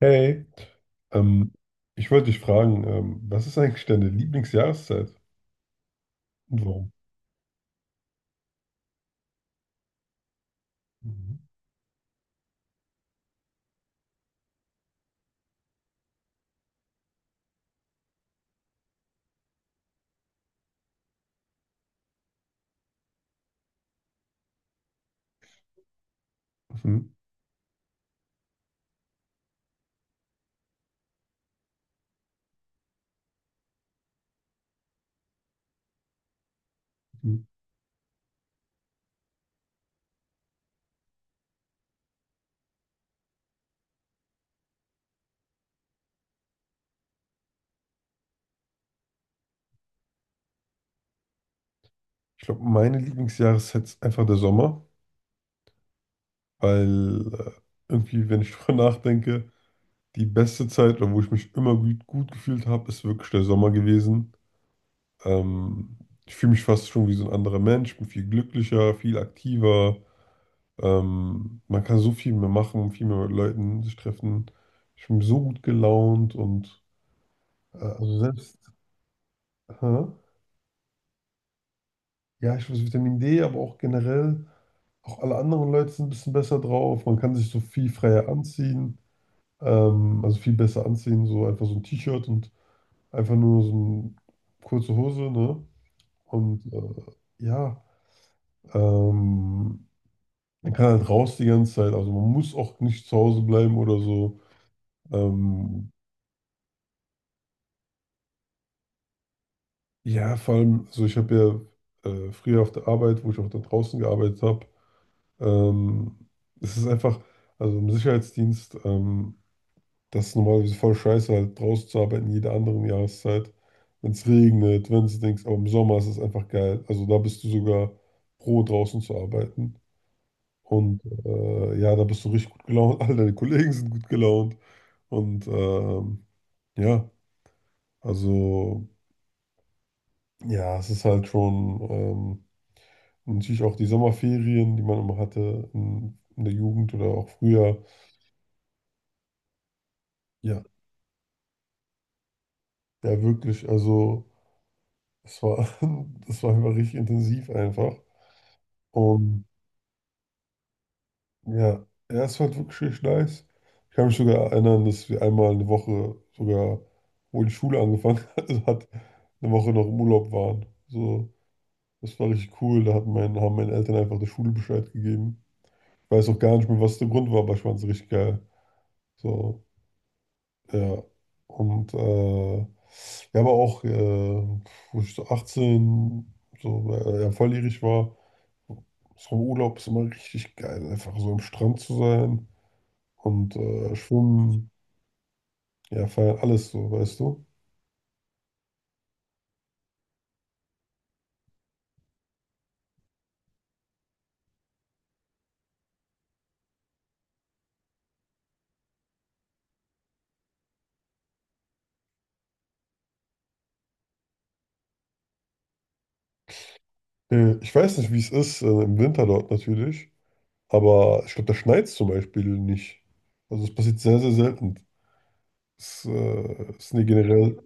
Hey, ähm, ich wollte dich fragen, was ist eigentlich deine Lieblingsjahreszeit und warum? Mhm. Mhm. Mhm. Ich glaube, meine Lieblingsjahreszeit ist einfach der Sommer, weil irgendwie, wenn ich drüber nachdenke, die beste Zeit, oder wo ich mich immer gut, gut gefühlt habe, ist wirklich der Sommer gewesen. Ähm, ich fühle mich fast schon wie so ein anderer Mensch, bin viel glücklicher, viel aktiver. Man kann so viel mehr machen, viel mehr mit Leuten sich treffen. Ich bin so gut gelaunt und also selbst. Aha. Ja, ich weiß, Vitamin D, aber auch generell, auch alle anderen Leute sind ein bisschen besser drauf. Man kann sich so viel freier anziehen, also viel besser anziehen, so einfach so ein T-Shirt und einfach nur so eine kurze Hose, ne? Und ja, ähm, man kann halt raus die ganze Zeit, also man muss auch nicht zu Hause bleiben oder so. Ähm, ja, vor allem, also ich habe ja früher auf der Arbeit, wo ich auch da draußen gearbeitet habe. Ähm, es ist einfach, also im Sicherheitsdienst, das ist normalerweise voll scheiße, halt draußen zu arbeiten, jede andere Jahreszeit. Wenn es regnet, wenn es Dings, aber im Sommer ist es einfach geil. Also da bist du sogar pro, draußen zu arbeiten. Und ja, da bist du richtig gut gelaunt, alle deine Kollegen sind gut gelaunt. Und ja, also ja, es ist halt schon und natürlich auch die Sommerferien, die man immer hatte in der Jugend oder auch früher. Ja, ja, wirklich. Also, es war, es war immer richtig intensiv einfach. Und ja, ja, es war halt wirklich richtig nice. Ich kann mich sogar erinnern, dass wir einmal eine Woche sogar, wo die Schule angefangen hat, eine Woche noch im Urlaub waren. So, das war richtig cool. Da hat mein, haben meine Eltern einfach der Schule Bescheid gegeben. Ich weiß auch gar nicht mehr, was der Grund war, aber ich fand es richtig geil. So, ja. Und ja, aber auch, wo ich so 18, so ja, volljährig war. So im Urlaub ist immer richtig geil, einfach so am Strand zu sein und schwimmen, ja, feiern, alles so, weißt du? Ich weiß nicht, wie es ist im Winter dort natürlich, aber ich glaube, da schneit es zum Beispiel nicht. Also es passiert sehr, sehr selten. Es ist nicht generell,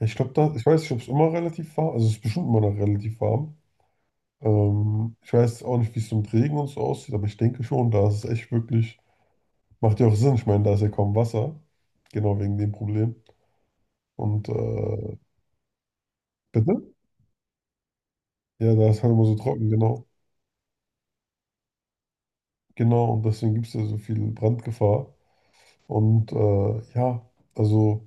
ich glaube, da, ich weiß nicht, ob es immer relativ warm, also es ist bestimmt immer noch relativ warm. Ich weiß auch nicht, wie es so mit Regen und so aussieht, aber ich denke schon, da ist es echt wirklich, macht ja auch Sinn, ich meine, da ist ja kaum Wasser, genau wegen dem Problem. Und bitte? Ja, da ist halt immer so trocken, genau. Genau, und deswegen gibt es da so viel Brandgefahr. Und ja, also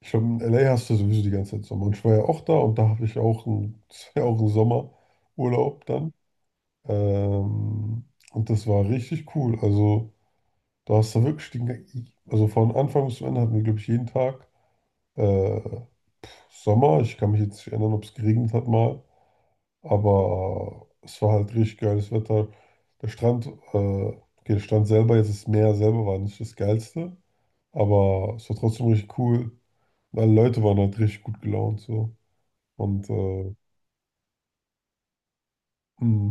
ich glaube, in LA hast du ja sowieso die ganze Zeit Sommer. Und ich war ja auch da und da habe ich ja auch einen, das war ja auch einen Sommerurlaub dann. Ähm, und das war richtig cool. Also da hast du wirklich den, also von Anfang bis zum Ende hatten wir, glaube ich, jeden Tag äh, Sommer. Ich kann mich jetzt nicht erinnern, ob es geregnet hat mal. Aber es war halt richtig geiles Wetter. Der Strand, okay, der Strand selber, jetzt das Meer selber war nicht das Geilste, aber es war trotzdem richtig cool. Und alle Leute waren halt richtig gut gelaunt so. Und mh,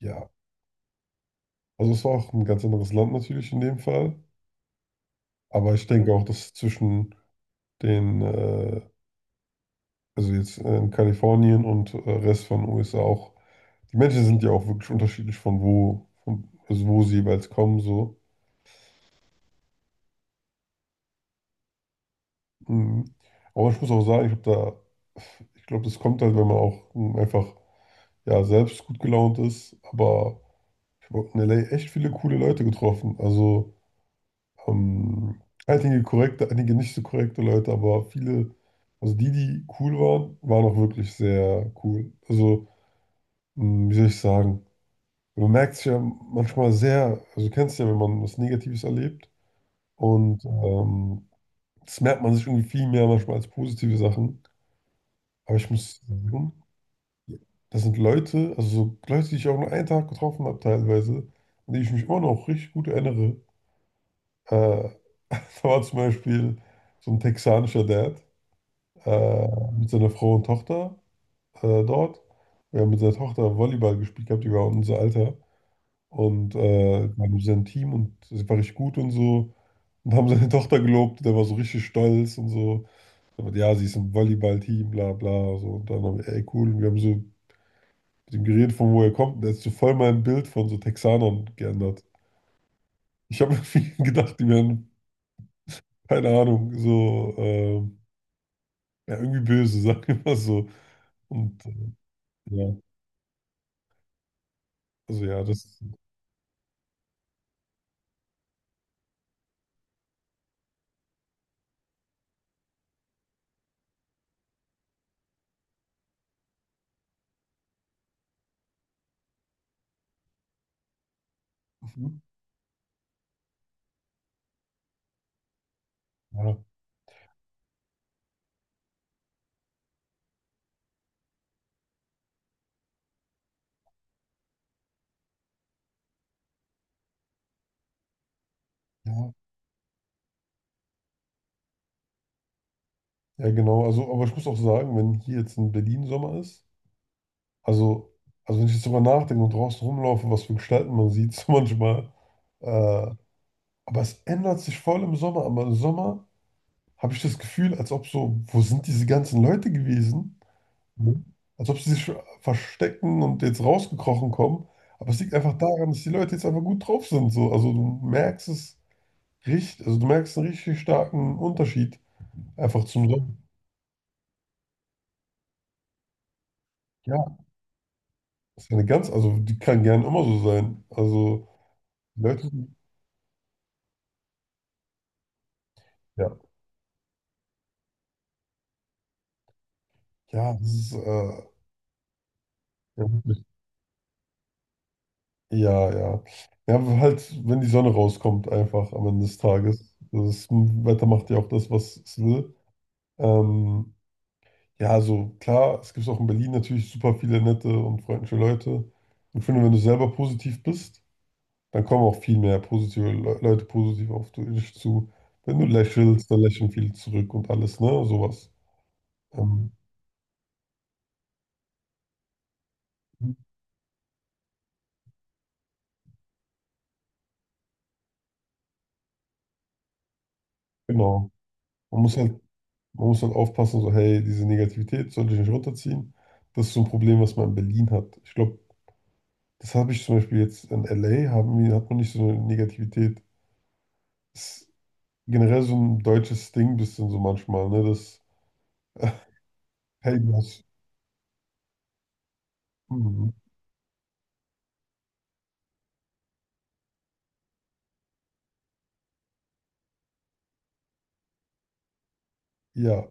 ja, also es war auch ein ganz anderes Land natürlich in dem Fall. Aber ich denke auch, dass zwischen den, also jetzt in Kalifornien und Rest von USA auch, die Menschen sind ja auch wirklich unterschiedlich von wo, von, also wo sie jeweils kommen so. Mhm. Aber ich muss auch sagen, ich glaube, da, ich glaube, das kommt halt, wenn man auch einfach ja, selbst gut gelaunt ist. Aber ich habe in LA echt viele coole Leute getroffen. Also ähm, einige korrekte, einige nicht so korrekte Leute, aber viele, also die, die cool waren, waren auch wirklich sehr cool. Also, mh, wie soll ich sagen? Man merkt es ja manchmal sehr, also du kennst ja, wenn man was Negatives erlebt. Und das merkt man sich irgendwie viel mehr manchmal als positive Sachen. Aber ich muss sagen, das sind Leute, also so Leute, die ich auch nur einen Tag getroffen habe teilweise, an die ich mich immer noch richtig gut erinnere. Äh, da war zum Beispiel so ein texanischer Dad äh, mit seiner Frau und Tochter dort. Wir haben mit seiner Tochter Volleyball gespielt gehabt, die war unser Alter. Und wir haben sein Team und sie war richtig gut und so. Und haben seine Tochter gelobt, der war so richtig stolz und so. Aber ja, sie ist im Volleyballteam, bla bla. So. Und dann haben wir, ey cool, und wir haben so mit dem Gerät, von wo er kommt, der ist so voll mein Bild von so Texanern geändert. Ich habe irgendwie gedacht, die wären, keine Ahnung, so, ja, irgendwie böse, sagen wir mal so. Und ja, also ja, das, mhm, ja, ja, ja, genau. Also, aber ich muss auch sagen, wenn hier jetzt in Berlin Sommer ist, also, also wenn ich jetzt drüber nachdenke und draußen rumlaufe, was für Gestalten man sieht, so manchmal, äh, aber es ändert sich voll im Sommer, aber im Sommer habe ich das Gefühl, als ob so, wo sind diese ganzen Leute gewesen? Mhm. Als ob sie sich verstecken und jetzt rausgekrochen kommen. Aber es liegt einfach daran, dass die Leute jetzt einfach gut drauf sind. So. Also du merkst es richtig, also du merkst einen richtig starken Unterschied einfach zum Sommer. Ja, das ist eine ganz, also die kann gerne immer so sein. Also die Leute, ja, ja, das ist, ja, wirklich. Ja, ja. Ja, aber halt, wenn die Sonne rauskommt, einfach am Ende des Tages. Das Wetter macht ja auch das, was es will. Ähm, Ja, also klar, es gibt auch in Berlin natürlich super viele nette und freundliche Leute. Und ich finde, wenn du selber positiv bist, dann kommen auch viel mehr positive Le Leute positiv auf dich zu. Wenn du lächelst, dann lächeln viele zurück und alles, ne? Sowas. Ähm, genau. Man muss halt, man muss halt aufpassen, so, hey, diese Negativität sollte ich nicht runterziehen. Das ist so ein Problem, was man in Berlin hat. Ich glaube, das habe ich zum Beispiel jetzt in LA, haben wir, hat man nicht so eine Negativität. Das ist generell so ein deutsches Ding, bisschen so manchmal, ne? Das Helmers. Mhm. Ja,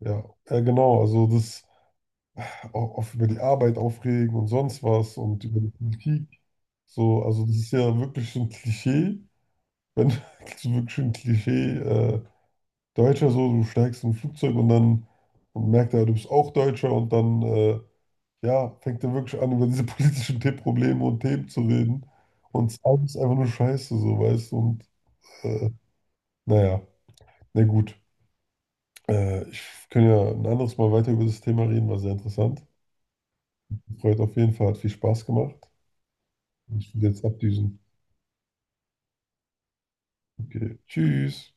ja, ja, genau. Also das auch, auch über die Arbeit aufregen und sonst was und über die Politik. So, also das ist ja wirklich so ein Klischee. Wenn das ist wirklich so ein Klischee, Deutscher so, du steigst in ein Flugzeug und dann und merkt er, du bist auch Deutscher und dann ja, fängt er wirklich an, über diese politischen The Probleme und Themen zu reden. Und es ist alles einfach nur Scheiße, so, weißt du? Und äh, naja, na gut. Ich kann ja ein anderes Mal weiter über das Thema reden, war sehr interessant. Freut auf jeden Fall, hat viel Spaß gemacht. Ich will jetzt abdüsen. Okay, tschüss.